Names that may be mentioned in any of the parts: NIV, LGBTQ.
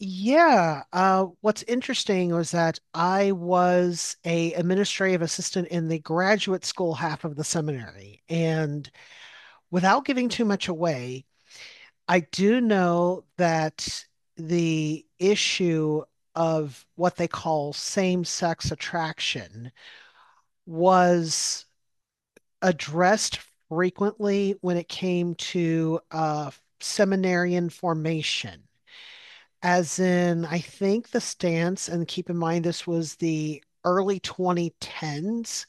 Yeah, what's interesting was that I was a administrative assistant in the graduate school half of the seminary, and without giving too much away, I do know that the issue of what they call same-sex attraction was addressed frequently when it came to seminarian formation. As in, I think the stance, and keep in mind this was the early 2010s,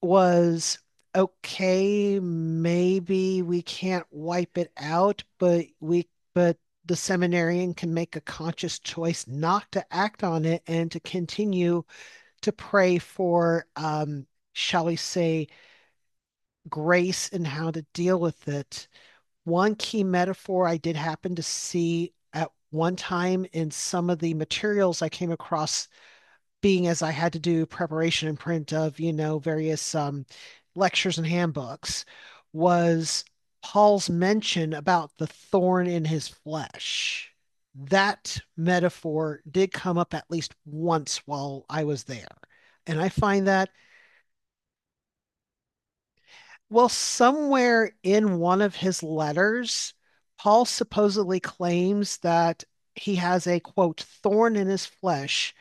was, okay, maybe we can't wipe it out, but the seminarian can make a conscious choice not to act on it and to continue to pray for, shall we say, grace in how to deal with it. One key metaphor I did happen to see at one time in some of the materials I came across, being as I had to do preparation and print of various lectures and handbooks, was Paul's mention about the thorn in his flesh. That metaphor did come up at least once while I was there. And I find that Well, somewhere in one of his letters, Paul supposedly claims that he has a quote, thorn in his flesh,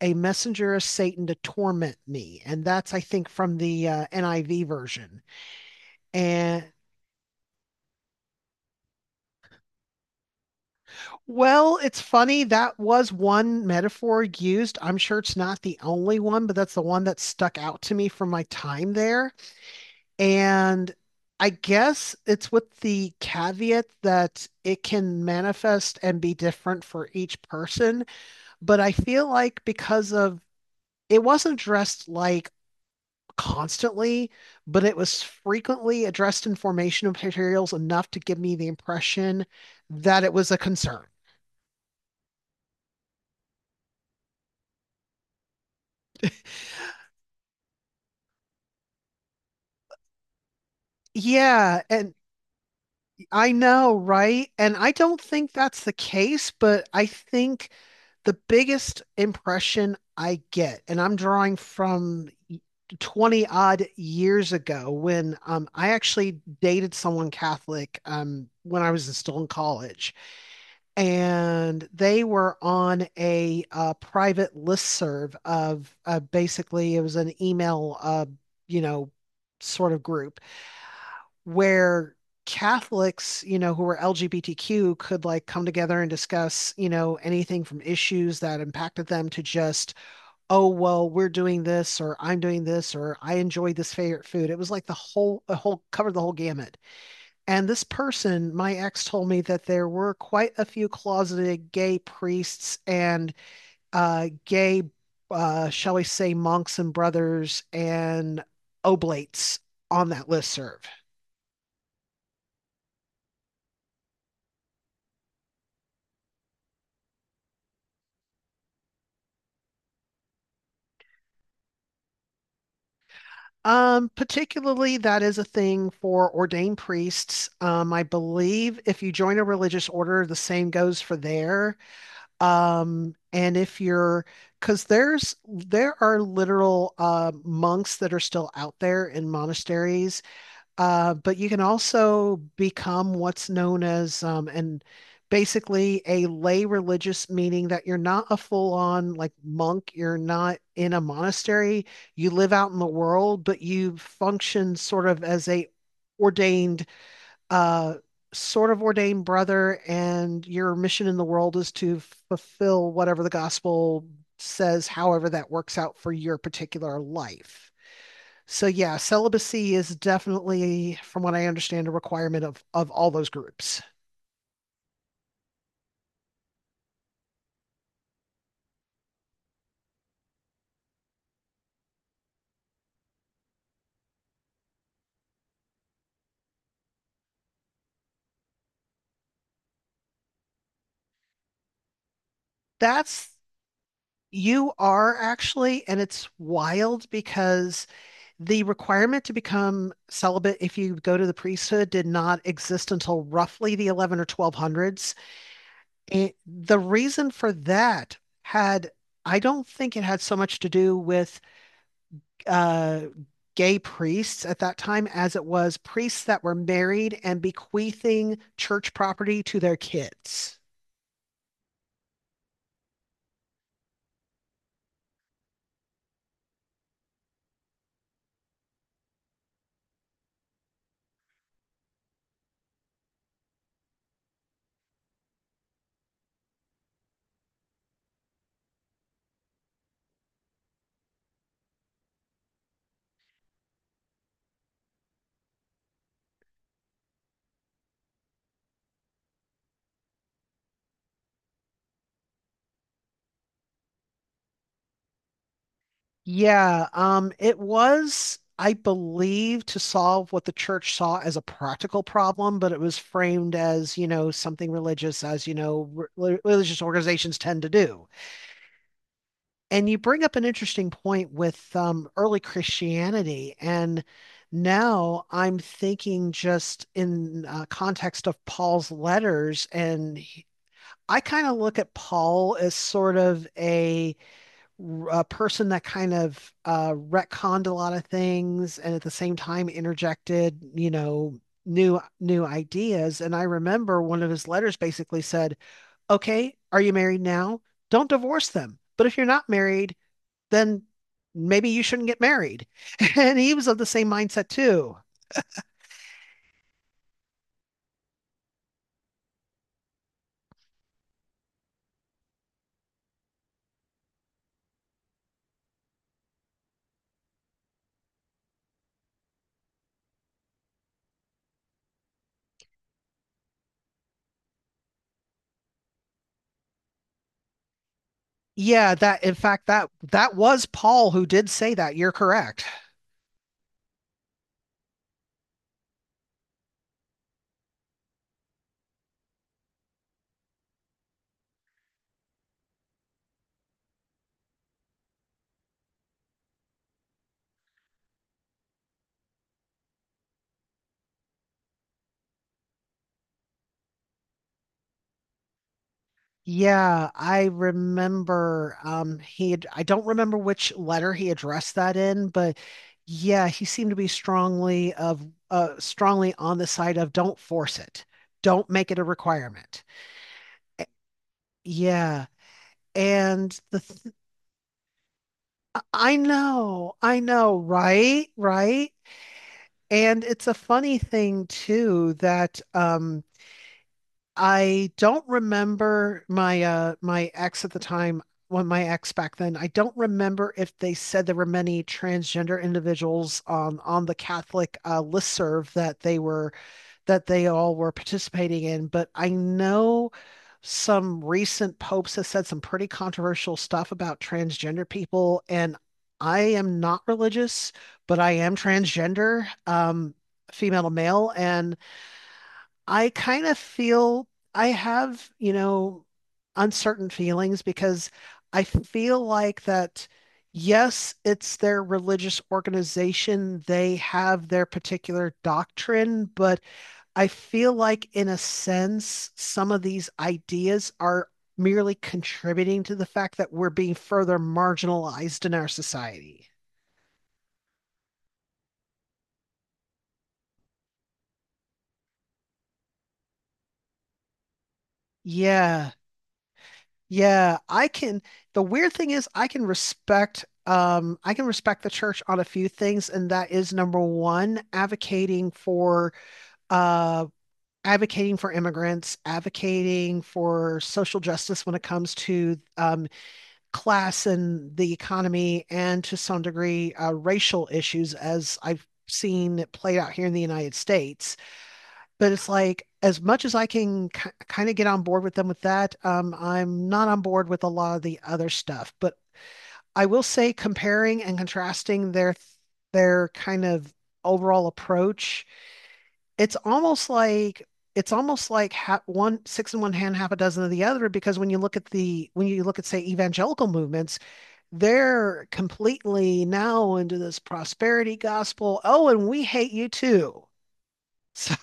a messenger of Satan to torment me. And that's, I think, from the NIV version. And well, it's funny. That was one metaphor used. I'm sure it's not the only one, but that's the one that stuck out to me from my time there. And I guess it's with the caveat that it can manifest and be different for each person. But I feel like, because of it wasn't addressed like constantly, but it was frequently addressed in formational materials enough to give me the impression that it was a concern. Yeah. And I know, right? And I don't think that's the case, but I think the biggest impression I get, and I'm drawing from 20 odd years ago, when I actually dated someone Catholic when I was still in college. And they were on a private listserv of, basically, it was an email, you know, sort of group where Catholics, who were LGBTQ could like come together and discuss anything from issues that impacted them to just, oh, well, we're doing this or I'm doing this or I enjoy this favorite food. It was like a whole covered the whole gamut. And this person, my ex, told me that there were quite a few closeted gay priests and, gay, shall we say, monks and brothers and oblates on that list serve. Particularly, that is a thing for ordained priests. I believe if you join a religious order, the same goes for there. And if you're, because there are literal monks that are still out there in monasteries, but you can also become what's known as and basically a lay religious, meaning that you're not a full-on like monk, you're not in a monastery, you live out in the world, but you function sort of as a ordained uh, sort of ordained brother, and your mission in the world is to fulfill whatever the gospel says, however that works out for your particular life. So yeah, celibacy is definitely, from what I understand, a requirement of all those groups. That's You are actually, and it's wild because the requirement to become celibate if you go to the priesthood did not exist until roughly the 11 or 1200s. And the reason for that had, I don't think it had so much to do with uh, gay priests at that time as it was priests that were married and bequeathing church property to their kids. Yeah, it was, I believe, to solve what the church saw as a practical problem, but it was framed as, something religious, as, religious organizations tend to do. And you bring up an interesting point with early Christianity. And now I'm thinking just in context of Paul's letters. And I kind of look at Paul as sort of a person that kind of retconned a lot of things and at the same time interjected new ideas. And I remember one of his letters basically said, okay, are you married now? Don't divorce them. But if you're not married, then maybe you shouldn't get married. And he was of the same mindset too. Yeah, that in fact that was Paul who did say that. You're correct. Yeah, I remember I don't remember which letter he addressed that in, but yeah, he seemed to be strongly on the side of don't force it. Don't make it a requirement. Eh, Yeah, and the th I know, right? Right? And it's a funny thing too that, I don't remember my ex at the time, when my ex back then, I don't remember if they said there were many transgender individuals on the Catholic listserv that they all were participating in. But I know some recent popes have said some pretty controversial stuff about transgender people. And I am not religious, but I am transgender, female to male. And I kind of feel I have, uncertain feelings, because I feel like that, yes, it's their religious organization. They have their particular doctrine, but I feel like, in a sense, some of these ideas are merely contributing to the fact that we're being further marginalized in our society. Yeah, yeah. I can. The weird thing is, I can respect. I can respect the church on a few things, and that is number one, uh, advocating for immigrants, advocating for social justice when it comes to class and the economy, and to some degree racial issues, as I've seen it played out here in the United States. But it's like, as much as I can kind of get on board with them with that, I'm not on board with a lot of the other stuff. But I will say, comparing and contrasting their kind of overall approach, it's almost like it's almost like one six in one hand, half a dozen of the other. Because when you look at the when you look at say evangelical movements, they're completely now into this prosperity gospel. Oh, and we hate you too. So,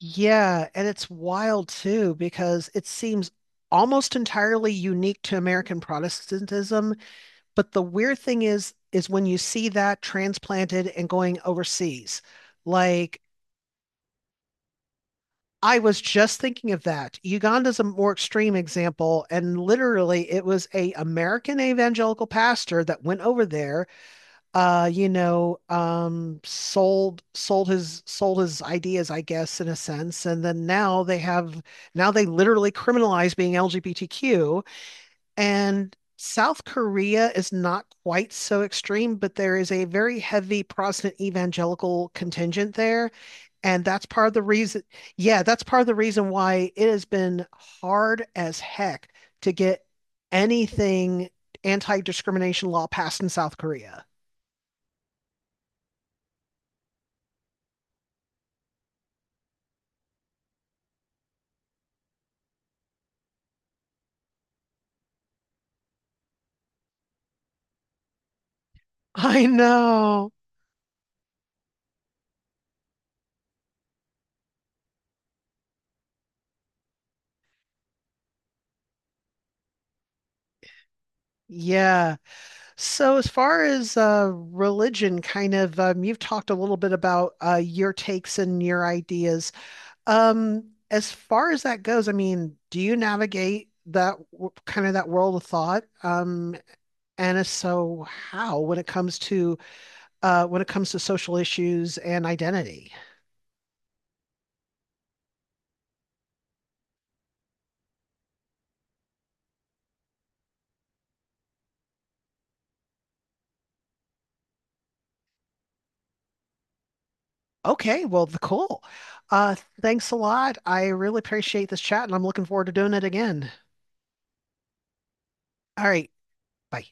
yeah, and it's wild too because it seems almost entirely unique to American Protestantism, but the weird thing is when you see that transplanted and going overseas. Like, I was just thinking of that. Uganda's a more extreme example, and literally it was a American evangelical pastor that went over there, sold his ideas, I guess, in a sense. And then now they literally criminalize being LGBTQ. And South Korea is not quite so extreme, but there is a very heavy Protestant evangelical contingent there. And that's part of the reason, yeah, that's part of the reason why it has been hard as heck to get anything anti-discrimination law passed in South Korea. I know. Yeah. So, as far as religion, kind of, you've talked a little bit about your takes and your ideas. As far as that goes, I mean, do you navigate that kind of that world of thought? And if so, how, when it comes to when it comes to social issues and identity? Okay, well, the cool. Uh thanks a lot. I really appreciate this chat and I'm looking forward to doing it again. All right. Bye.